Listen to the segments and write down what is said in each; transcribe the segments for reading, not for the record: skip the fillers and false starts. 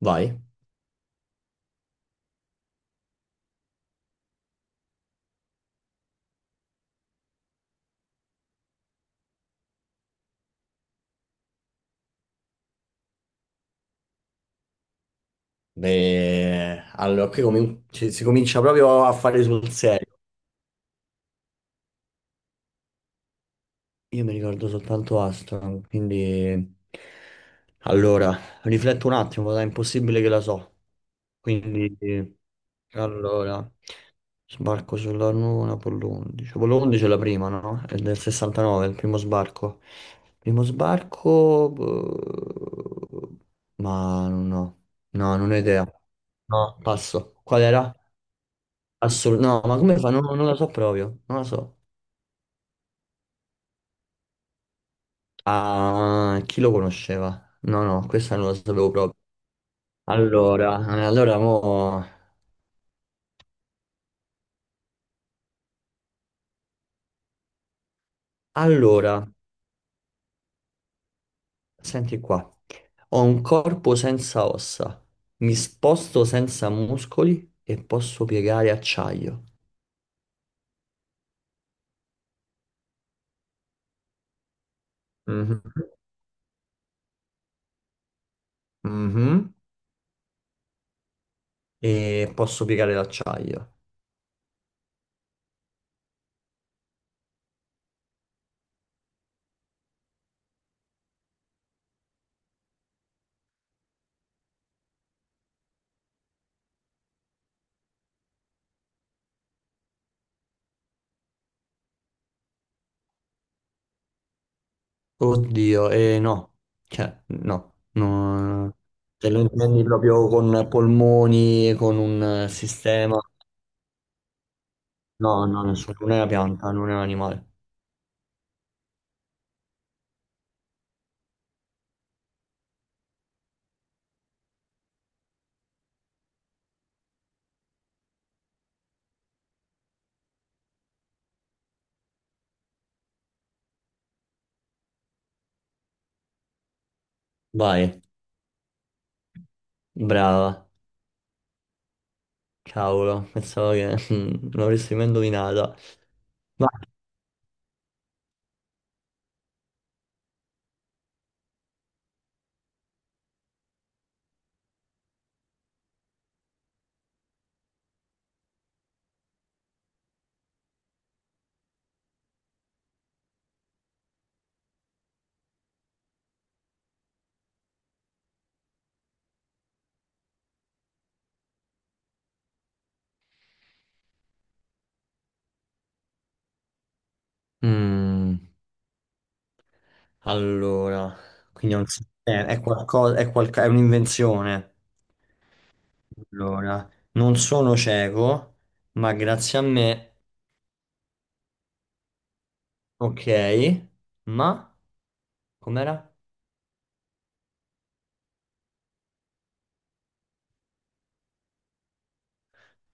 Vai. Beh, allora qui si comincia proprio a fare sul serio. Io mi ricordo soltanto Aston, quindi... Allora, rifletto un attimo, dai, è impossibile che la so. Quindi, allora, sbarco sulla Luna, Apollo 11. Apollo 11 è la prima, no? È del 69, è il primo sbarco. Primo sbarco... boh, ma no, no, non ho idea. No, passo. Qual era? Assolutamente, no, ma come fa? Non lo so proprio, non lo so. Ah, chi lo conosceva? No, no, questa non lo sapevo proprio. Allora, eh, allora, mo... allora, senti qua. Ho un corpo senza ossa, mi sposto senza muscoli e posso piegare acciaio. Mhm. Mhm. E posso piegare l'acciaio. Oddio, no, cioè no, se lo intendi proprio con polmoni, con un sistema, no, no, nessuno, non è una pianta, non è un animale. Vai, brava, cavolo, pensavo che non l'avresti mai indovinata. Vai. Mm, allora, quindi è un sistema, è qualcosa, è un'invenzione. Allora, non sono cieco, ma grazie a me ok, ma com'era?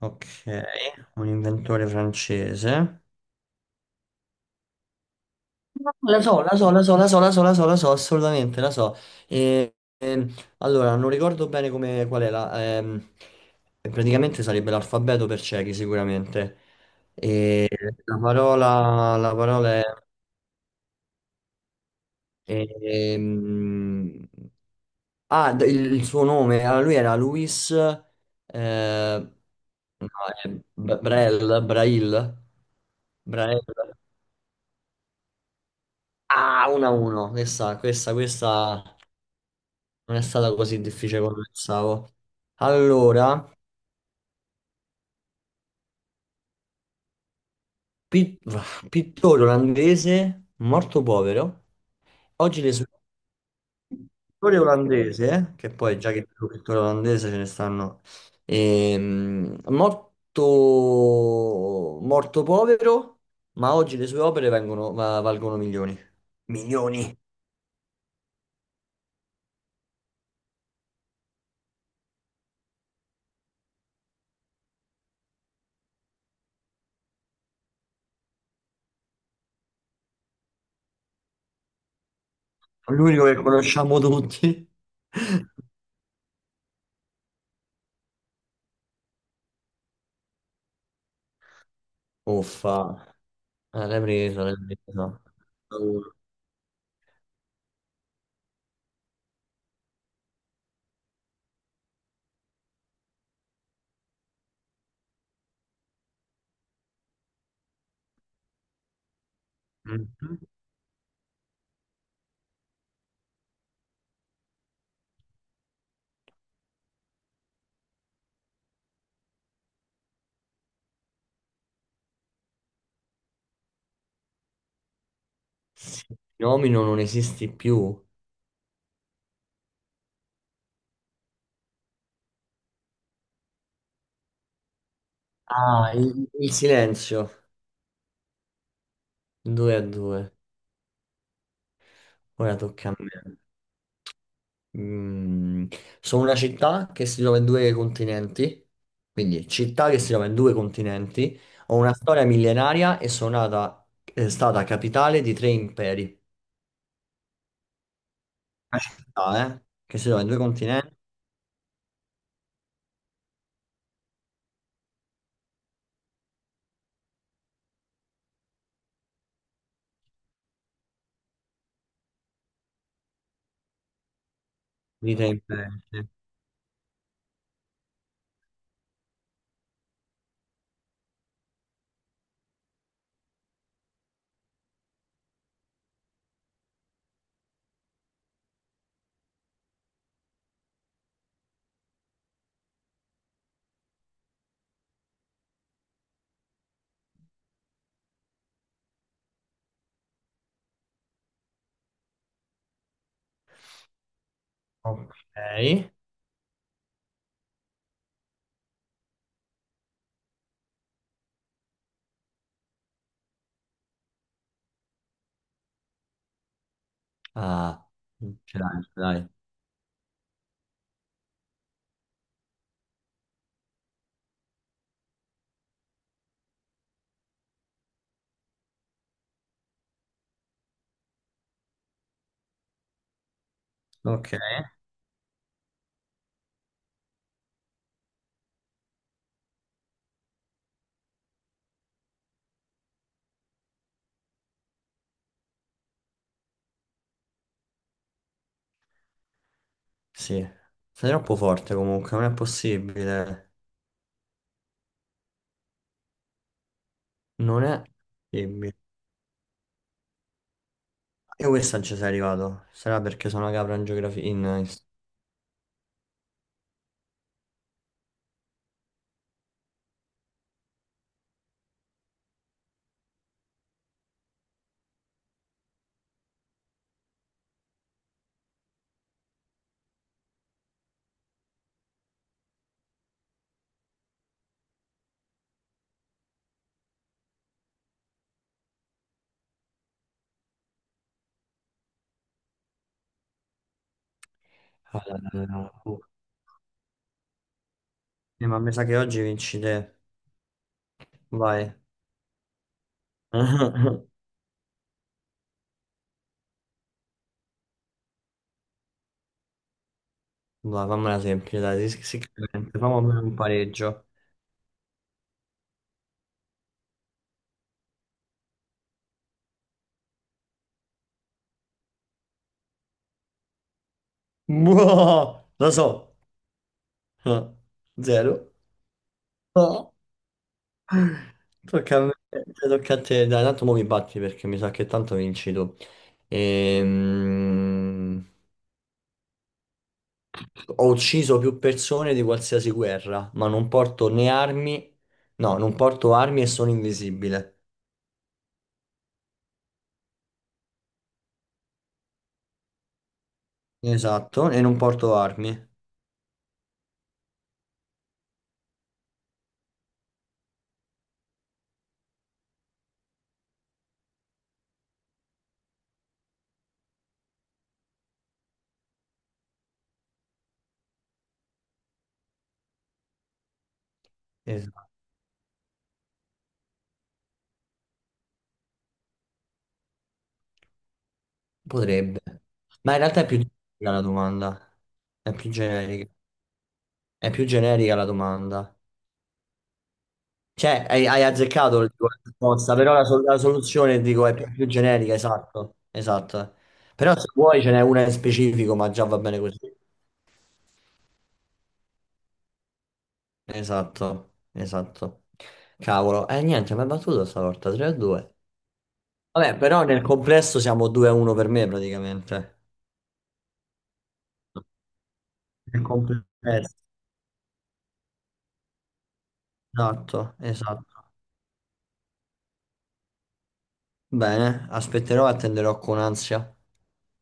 Ok, un inventore francese. La so, la so, la so, la so, la so, la so, la so, assolutamente, la so. E, ehm, allora, non ricordo bene come, qual è la... praticamente sarebbe l'alfabeto per ciechi, sicuramente. E la parola è... ehm, ah, il suo nome, allora lui era Luis... eh, no, è Brel, Brail, Brael. Ah, 1-1. Questa non è stata così difficile come pensavo. Allora, pi- pittore olandese, morto povero. Oggi le sue... Pittore olandese, che poi già che più pittore olandese ce ne stanno... ehm, morto... morto povero, ma oggi le sue opere valgono milioni. Milioni. L'unico che conosciamo tutti. Uffa, l'hai preso, l'hai preso. Allora, mhm. Nomino non esisti più. Ah, il silenzio. 2 a 2. Ora tocca a me. Mm, sono una città che si trova in due continenti. Quindi città che si trova in due continenti. Ho una storia millenaria e è stata capitale di tre imperi. Una città, eh? Che si trova in due continenti di tre imperi. Ok. Ah, ce l'hai, ce l'hai. Ok. Sì. Sei troppo forte comunque, non è possibile. Non è possibile. E questa non ci sei arrivato. Sarà perché sono una capra in geografia. Ah, no, no, no. Ma mi sa che oggi vinci te. Vai. Vai, fammela semplice, dai. Sì, sì, sicuramente. Fammi almeno un pareggio. Boh, lo so. Ah, zero. Tocca a me, tocca a te, dai, tanto mo mi batti perché mi sa che tanto vinci tu. Ehm, ho ucciso più persone di qualsiasi guerra, ma non porto né armi, no, non porto armi e sono invisibile. Esatto, e non porto armi. Esatto. Potrebbe. Ma in realtà è più generica la domanda. È più generica. È più generica la domanda. Cioè, hai azzeccato la risposta, però la soluzione dico, è più generica, esatto, esatto. Però se vuoi ce n'è una in specifico, ma già va bene così. Esatto, esatto. Cavolo, niente, mi ha battuto stavolta 3 a 2. Vabbè, però nel complesso siamo 2 a 1 per me praticamente. Nel complesso, esatto, esatto. Bene, aspetterò e attenderò con ansia.